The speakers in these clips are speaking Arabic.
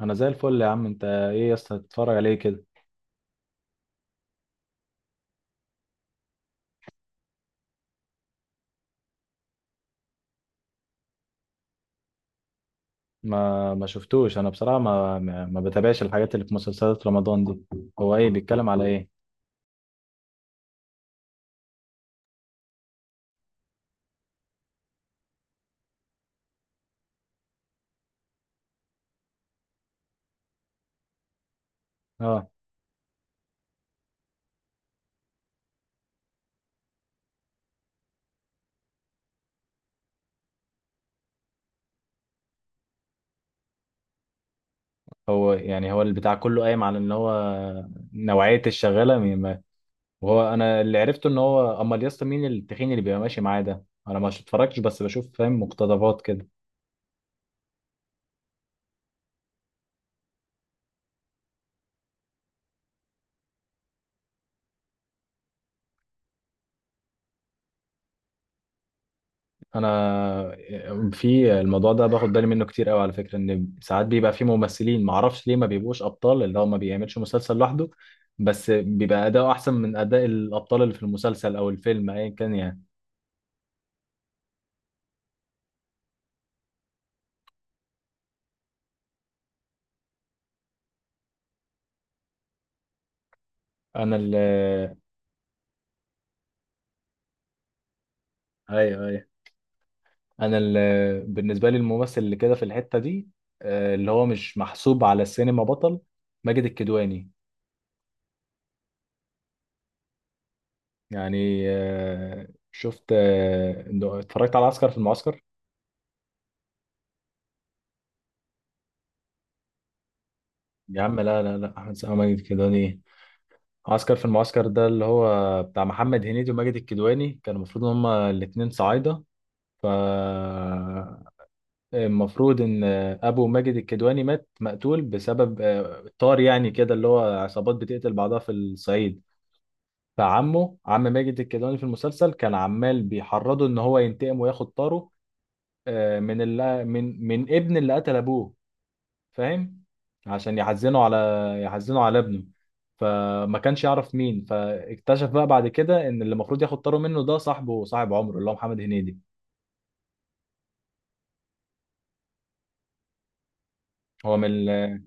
انا زي الفل يا عم، انت ايه يا اسطى تتفرج عليه كده؟ ما شفتوش انا بصراحه، ما بتابعش الحاجات اللي في مسلسلات رمضان دي. هو ايه بيتكلم على ايه؟ اه، هو يعني هو البتاع كله قايم على ان هو نوعيه الشغاله مين وهو انا اللي عرفته ان هو. امال يا اسطى مين التخين اللي بيبقى ماشي معاه ده؟ انا ما اتفرجتش بس بشوف فاهم، مقتطفات كده. انا في الموضوع ده باخد بالي منه كتير قوي، على فكره، ان ساعات بيبقى في ممثلين ما اعرفش ليه ما بيبقوش ابطال، اللي هو ما بيعملش مسلسل لوحده، بس بيبقى اداؤه احسن من اداء الابطال اللي في المسلسل او الفيلم ايا كان يعني. انا ال ايوه ايوه. انا ال بالنسبه لي الممثل اللي كده في الحته دي، اللي هو مش محسوب على السينما بطل، ماجد الكدواني. يعني شفت، اتفرجت على عسكر في المعسكر. يا عم لا لا لا، احمد سامي ماجد الكدواني إيه؟ عسكر في المعسكر ده اللي هو بتاع محمد هنيدي وماجد الكدواني، كانوا المفروض ان هما الاتنين صعايدة. ف المفروض ان ابو ماجد الكدواني مات مقتول بسبب طار يعني، كده اللي هو عصابات بتقتل بعضها في الصعيد. فعمه، عم ماجد الكدواني، في المسلسل كان عمال بيحرضه ان هو ينتقم وياخد طاره، من اللي، من ابن اللي قتل ابوه، فاهم، عشان يحزنوا على ابنه. فما كانش يعرف مين، فاكتشف بقى بعد كده ان اللي المفروض ياخد طاره منه ده صاحبه، صاحب عمره، اللي هو محمد هنيدي. هو من ال-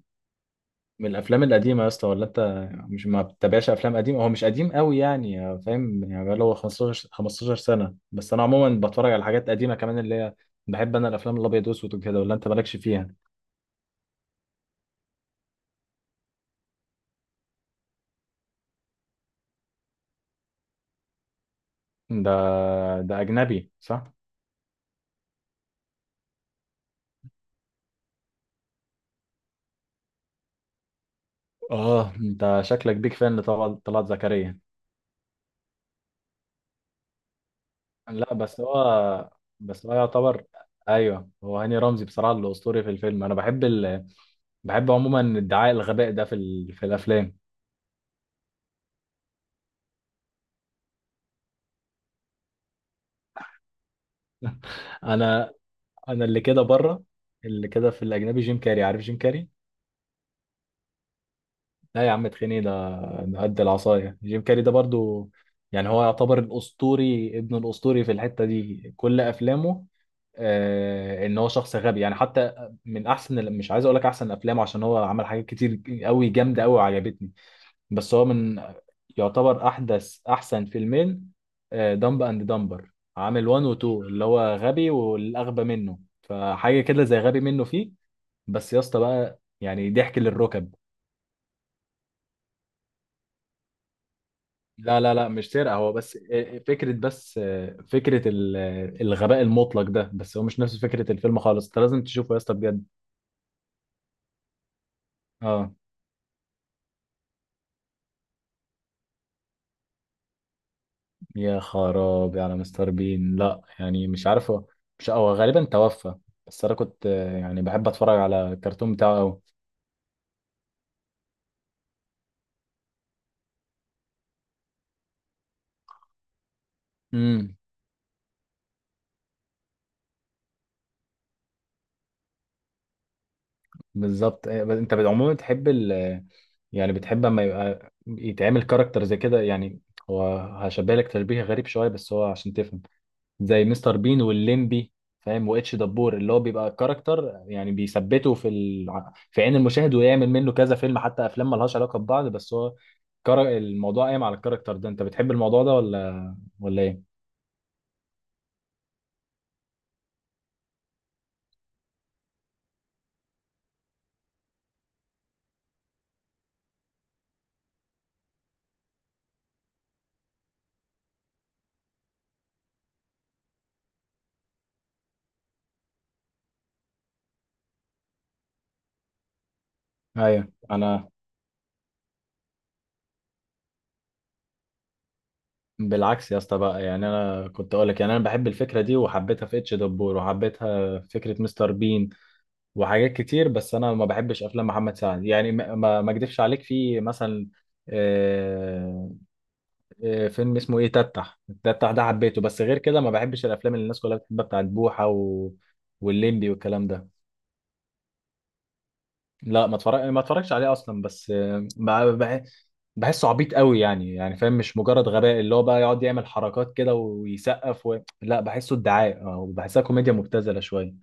من الافلام القديمه يا اسطى، ولا انت مش ما بتتابعش افلام قديمه؟ هو مش قديم قوي يعني، فاهم، يعني بقى له 15 سنه، بس انا عموما بتفرج على حاجات قديمه كمان اللي هي، بحب انا الافلام الابيض واسود وكده، ولا انت مالكش فيها؟ ده ده اجنبي صح. اه انت شكلك بيك فان لطلعت طلعت زكريا. لا بس هو، بس هو يعتبر، ايوه هو هاني رمزي بصراحه الاسطوري في الفيلم. انا بحب عموما ادعاء الغباء ده في الافلام. انا انا اللي كده بره، اللي كده في الاجنبي جيم كاري، عارف جيم كاري؟ لا يا عم، تخيني ده قد العصايه. جيم كاري ده برضو يعني هو يعتبر الاسطوري ابن الاسطوري في الحته دي، كل افلامه ان هو شخص غبي يعني. حتى من احسن مش عايز اقول لك احسن افلامه، عشان هو عمل حاجات كتير قوي جامده قوي وعجبتني، بس هو من، يعتبر احدث احسن فيلمين، دمب اند دمبر، عامل 1 و 2، اللي هو غبي والاغبى منه. فحاجه كده زي غبي منه فيه، بس يا اسطى بقى يعني ضحك للركب. لا لا لا مش سرقه، هو بس فكره، بس فكره الغباء المطلق ده، بس هو مش نفس فكره الفيلم خالص، انت لازم تشوفه يا اسطى بجد. اه. يا خرابي على مستر بين. لا يعني مش عارف مش هو غالبا توفى، بس انا كنت يعني بحب اتفرج على الكرتون بتاعه قوي. امم. بالظبط، بس انت عموما بتحب ال آه، يعني بتحب اما يبقى يتعمل كاركتر زي كده يعني؟ هو هشبه لك تشبيه غريب شويه بس هو عشان تفهم، زي مستر بين والليمبي، فاهم، واتش دبور، اللي هو بيبقى كاركتر يعني بيثبته في عين المشاهد ويعمل منه كذا فيلم، حتى افلام ملهاش علاقه ببعض، بس هو الموضوع قايم على الكاركتر ده. انت بتحب الموضوع ده ولا ايه؟ ايوه انا. بالعكس يا اسطى بقى، يعني انا كنت اقول لك، يعني انا بحب الفكره دي، وحبيتها في اتش دبور، وحبيتها في فكره مستر بين، وحاجات كتير، بس انا ما بحبش افلام محمد سعد، يعني ما اكدبش عليك، في مثلا آه، فيلم اسمه ايه، تتح التتح ده، حبيته، بس غير كده ما بحبش الافلام اللي الناس كلها بتحبها، بتاعت بوحة و... والليمبي والكلام ده. لا ما اتفرجش عليه اصلا، بس بحسه عبيط قوي يعني فاهم، مش مجرد غباء اللي هو بقى يقعد يعمل حركات كده ويسقف لا بحسه ادعاء، وبحسها كوميديا مبتذله شويه.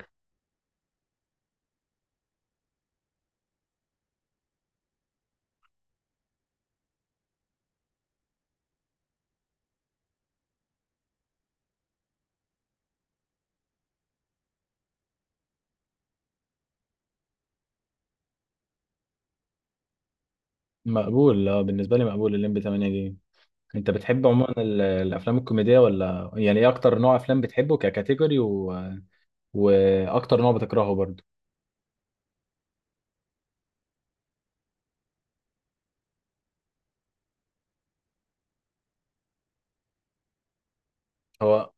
مقبول، اه بالنسبه لي مقبول الليمبي 8 جيجا. انت بتحب عموما الافلام الكوميديه ولا؟ يعني ايه اكتر نوع افلام بتحبه ككاتيجوري و... واكتر نوع بتكرهه برضه؟ هو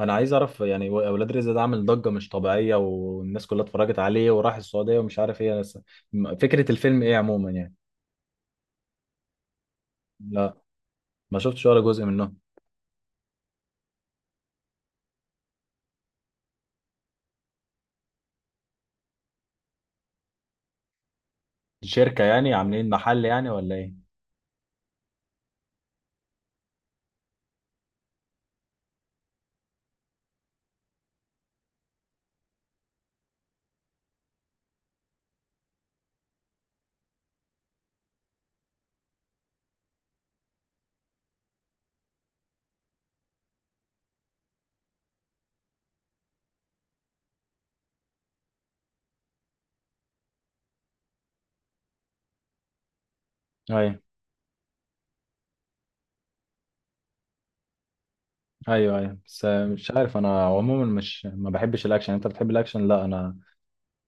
انا عايز اعرف يعني، اولاد رزق ده عامل ضجه مش طبيعيه، والناس كلها اتفرجت عليه وراح السعوديه ومش عارف ايه، بس فكره الفيلم ايه عموما يعني؟ لا ما شفتش ولا جزء منه. شركه يعني؟ عاملين محل يعني ولا ايه؟ ايوه ايوه ايوه، بس مش عارف. انا عموما مش، ما بحبش الاكشن. انت بتحب الاكشن؟ لا انا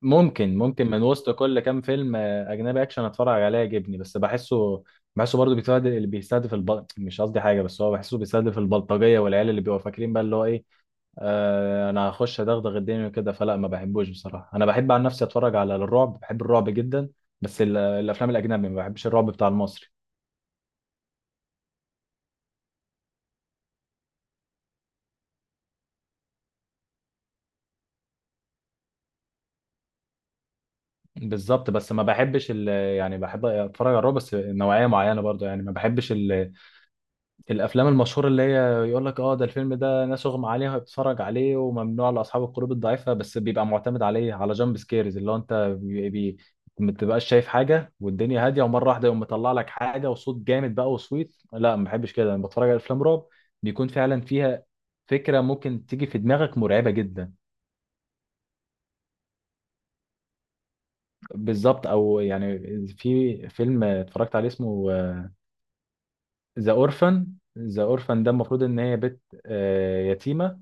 ممكن، من وسط كل كام فيلم اجنبي اكشن اتفرج عليه يعجبني، بس بحسه، برضه بيستهدف مش قصدي حاجه، بس هو بحسه بيستهدف البلطجيه والعيال اللي بيبقوا فاكرين بقى اللي هو ايه، انا هخش ادغدغ الدنيا كده. فلا ما بحبوش بصراحه. انا بحب عن نفسي اتفرج على الرعب، بحب الرعب جدا، بس الافلام الاجنبي، ما بحبش الرعب بتاع المصري. بالظبط، بس ما بحبش يعني بحب اتفرج على الرعب بس نوعيه معينه برضو يعني، ما بحبش الافلام المشهوره اللي هي يقول لك اه ده الفيلم ده ناس اغمى عليها بتتفرج عليه وممنوع لاصحاب القلوب الضعيفه، بس بيبقى معتمد عليه على جامب سكيرز، اللي هو انت ما بتبقاش شايف حاجه والدنيا هاديه، ومره واحده يقوم مطلع لك حاجه وصوت جامد بقى وصويت. لا ما بحبش كده، لما بتفرج على افلام رعب بيكون فعلا فيها فكره ممكن تيجي في دماغك مرعبه جدا. بالظبط، او يعني في فيلم اتفرجت عليه اسمه ذا اورفن. ذا اورفن ده المفروض ان هي بنت يتيمه،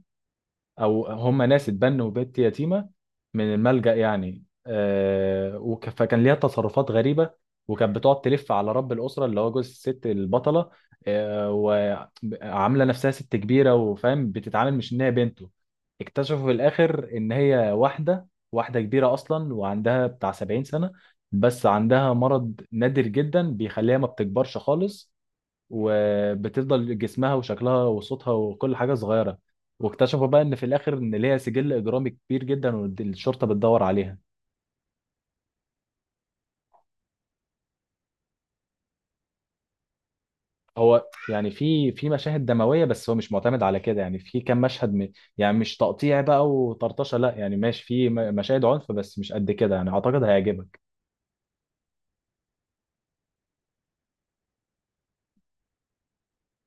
او هم ناس اتبنوا بنت يتيمه من الملجأ يعني. فكان ليها تصرفات غريبه، وكانت بتقعد تلف على رب الاسره، اللي هو جوز الست البطله، وعامله نفسها ست كبيره، وفاهم بتتعامل مش ان هي بنته. اكتشفوا في الاخر ان هي واحده كبيره اصلا، وعندها بتاع 70 سنه، بس عندها مرض نادر جدا بيخليها ما بتكبرش خالص، وبتفضل جسمها وشكلها وصوتها وكل حاجه صغيره. واكتشفوا بقى ان في الاخر ان ليها سجل اجرامي كبير جدا والشرطه بتدور عليها. هو يعني في مشاهد دمويه، بس هو مش معتمد على كده، يعني في كام مشهد، يعني مش تقطيع بقى وطرطشه، لا يعني ماشي في مشاهد عنف بس مش قد كده يعني، اعتقد هيعجبك.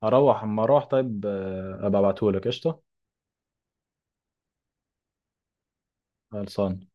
اروح اما اروح طيب، ابقى ابعتهولك. قشطه. خلصان.